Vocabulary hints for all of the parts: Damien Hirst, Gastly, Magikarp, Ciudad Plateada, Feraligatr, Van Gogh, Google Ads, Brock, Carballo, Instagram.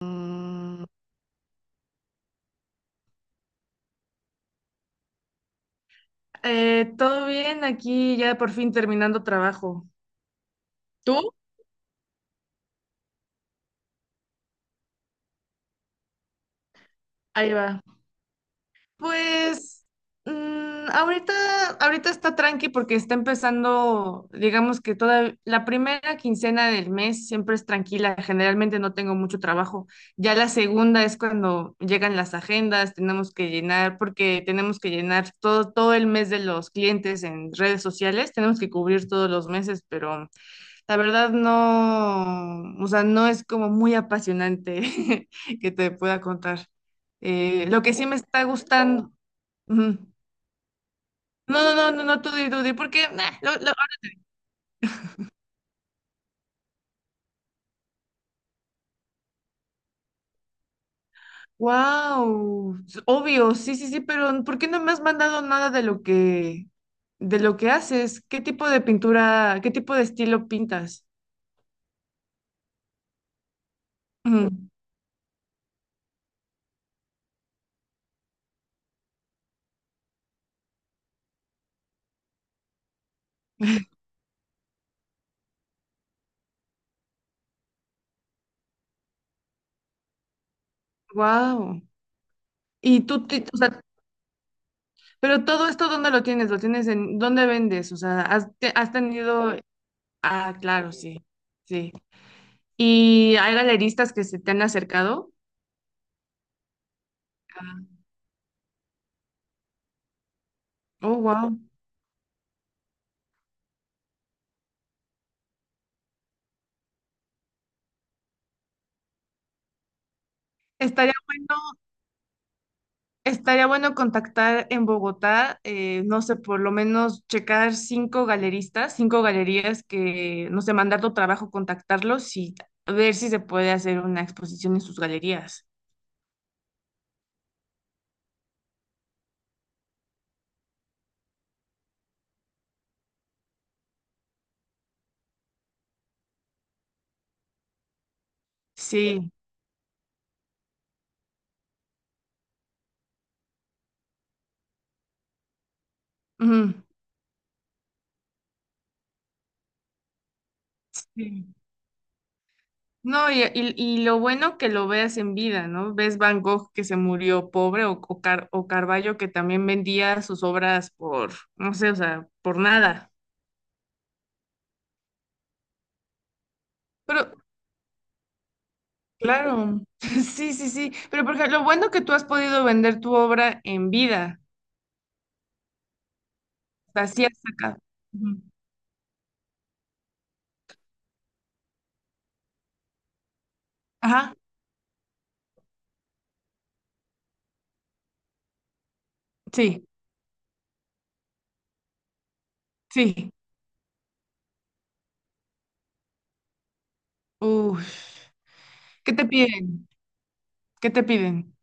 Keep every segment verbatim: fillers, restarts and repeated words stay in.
Mm. Eh, todo bien, aquí ya por fin terminando trabajo. ¿Tú? Ahí va. Pues mm, ahorita, ahorita está tranqui porque está empezando, digamos que toda la primera quincena del mes siempre es tranquila, generalmente no tengo mucho trabajo. Ya la segunda es cuando llegan las agendas, tenemos que llenar, porque tenemos que llenar todo, todo el mes de los clientes en redes sociales, tenemos que cubrir todos los meses, pero la verdad no, o sea, no es como muy apasionante que te pueda contar. Eh, lo que sí me está gustando. Ujú. No, no, no, no, no, tú di, tú di, porque. Wow, obvio, sí, sí, sí, pero ¿por qué no me has mandado nada de lo que, de lo que haces? ¿Qué tipo de pintura, qué tipo de estilo pintas? Wow. Y tú, ti- o sea, pero todo esto, ¿dónde lo tienes? ¿Lo tienes en, dónde vendes? O sea, ¿has, te- has tenido? Ah, claro, sí, sí. ¿Y hay galeristas que se te han acercado? Ah. Oh, wow. Estaría bueno, estaría bueno contactar en Bogotá, eh, no sé, por lo menos checar cinco galeristas, cinco galerías que, no sé, mandar tu trabajo, contactarlos y ver si se puede hacer una exposición en sus galerías. Sí. Ujú, sí. No, y, y- y lo bueno que lo veas en vida, ¿no? Ves Van Gogh que se murió pobre o, o, Car- o Carballo que también vendía sus obras por, no sé, o sea, por nada. Pero, claro, sí, sí, sí. Pero por ejemplo, lo bueno que tú has podido vender tu obra en vida, así has sacado. Ujú. Ajá, sí, sí. Uf. ¿Qué te piden? ¿Qué te piden?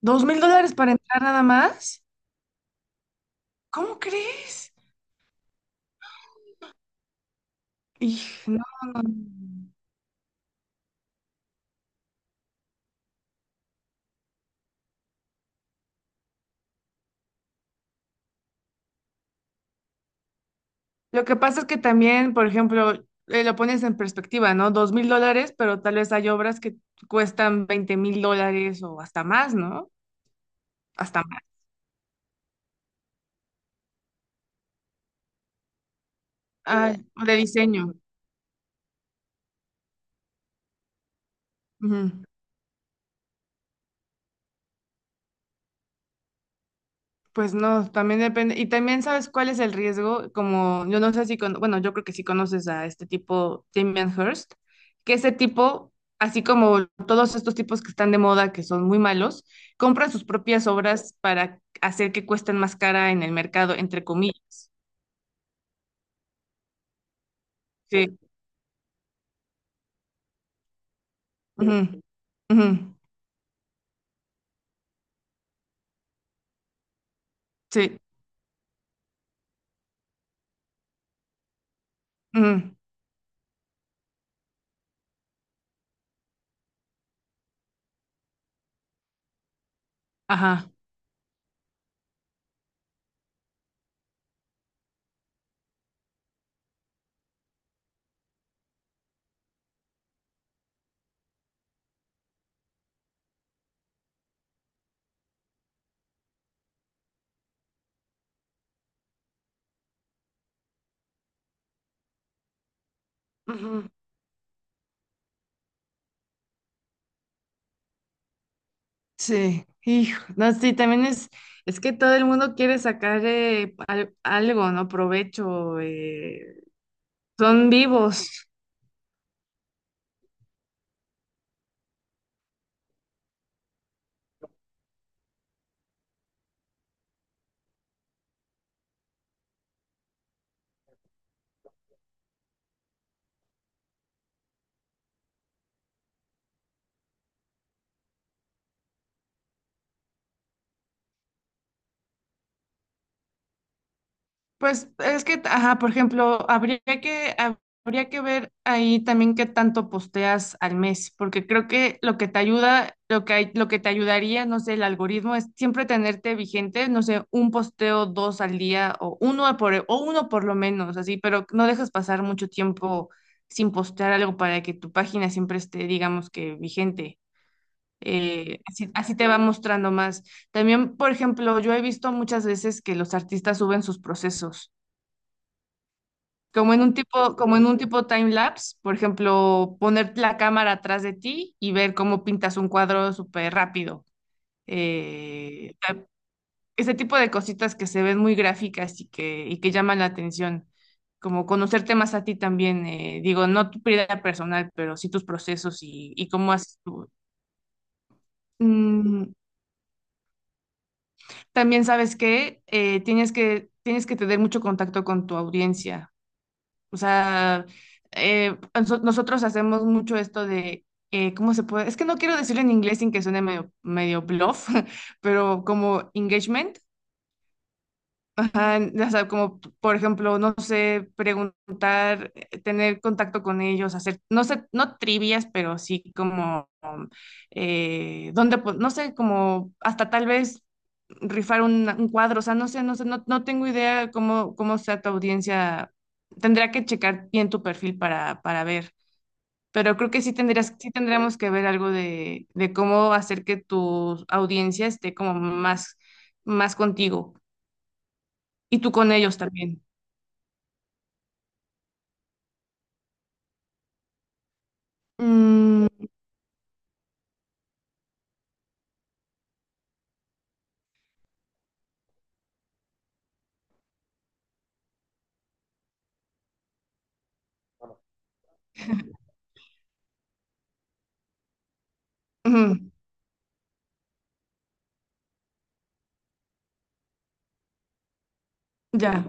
¿Dos mil dólares para entrar nada más? ¿Cómo crees? Hij- no, no, no. Lo que pasa es que también, por ejemplo, eh, lo pones en perspectiva, ¿no? Dos mil dólares, pero tal vez hay obras que cuestan veinte mil dólares o hasta más, ¿no? Hasta más. Eh, de diseño. Ujú. Pues no, también depende. Y también sabes cuál es el riesgo, como yo no sé si, con, bueno, yo creo que sí conoces a este tipo, Damien Hirst, que ese tipo, así como todos estos tipos que están de moda, que son muy malos, compran sus propias obras para hacer que cuesten más cara en el mercado, entre comillas. Sí. Ujú, ujú, sí, ujú, ajá. Ujú. Sí, hijo, no, sí, también es, es que todo el mundo quiere sacar eh, al- algo, ¿no? Provecho, eh, son vivos. Pues es que, ajá, por ejemplo, habría que, habría que ver ahí también qué tanto posteas al mes, porque creo que lo que te ayuda, lo que, hay- lo que te ayudaría, no sé, el algoritmo es siempre tenerte vigente, no sé, un posteo, dos al día o uno por, o uno por lo menos, así, pero no dejes pasar mucho tiempo sin postear algo para que tu página siempre esté, digamos que vigente. Eh, así, así te va mostrando más. También, por ejemplo, yo he visto muchas veces que los artistas suben sus procesos. Como en un tipo, como en un tipo time lapse, por ejemplo, poner la cámara atrás de ti y ver cómo pintas un cuadro súper rápido. Eh, Ese tipo de cositas que se ven muy gráficas y que, y que llaman la atención. Como conocerte más a ti también, eh, digo, no tu vida personal, pero sí tus procesos y, y cómo haces tú. Mm, También sabes que tienes que, tienes que tener mucho contacto con tu audiencia. O sea, eh, enso- nosotros hacemos mucho esto de, eh, ¿cómo se puede? Es que no quiero decirlo en inglés sin que suene medio, medio bluff, pero como engagement. Ajá, en- o sea, como p- por ejemplo, no sé, preguntar, eh, tener contacto con ellos, hacer, no sé, no trivias, pero sí como, um, eh, dónde, po- no sé, como hasta tal vez rifar un, un cuadro, o sea, no sé, no sé, no, no tengo idea cómo, cómo sea tu audiencia, tendría que checar bien tu perfil para, para ver, pero creo que sí tendrías, sí tendríamos que ver algo de, de cómo hacer que tu audiencia esté como más, más contigo y tú con ellos también. Mm, ujú, ya,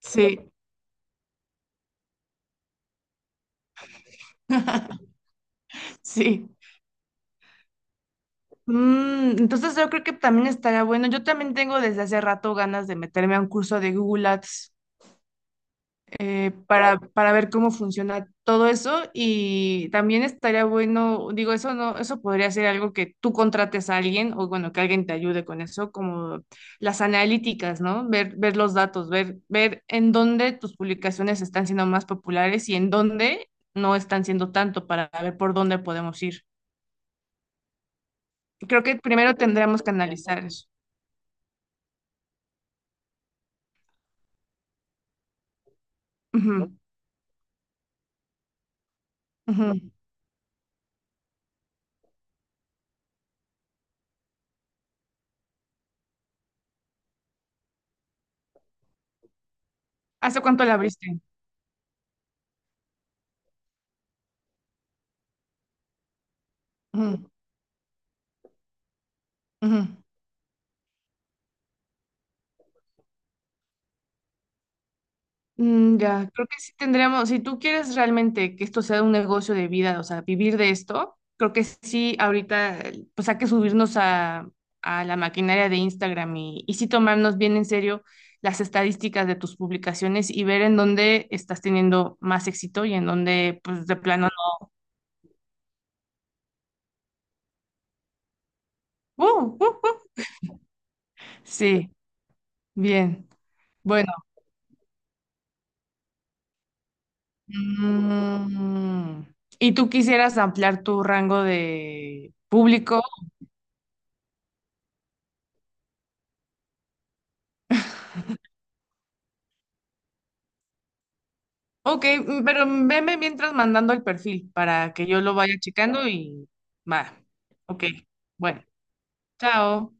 sí, sí. Mm, entonces yo creo que también estaría bueno. Yo también tengo desde hace rato ganas de meterme a un curso de Google Ads. eh, para, para ver cómo funciona todo eso y también estaría bueno, digo, eso no, eso podría ser algo que tú contrates a alguien o bueno, que alguien te ayude con eso, como las analíticas, ¿no? Ver, ver los datos, ver, ver en dónde tus publicaciones están siendo más populares y en dónde no están siendo tanto para ver por dónde podemos ir. Creo que primero tendríamos que analizar eso. Ujú, ujú. ¿Hace cuánto la abriste? Ujú, ujú. Mm, ya, creo que sí tendríamos, si tú quieres realmente que esto sea un negocio de vida, o sea, vivir de esto, creo que sí, ahorita, eh, pues hay que subirnos a, a la maquinaria de Instagram y, y sí tomarnos bien en serio las estadísticas de tus publicaciones y ver en dónde estás teniendo más éxito y en dónde, pues de plano no. Uh, uh, uh. Sí, bien. Bueno, mm, ¿y tú quisieras ampliar tu rango de público? Ok, mm, pero veme mientras mandando el perfil para que yo lo vaya checando y va. Ok, bueno, chao.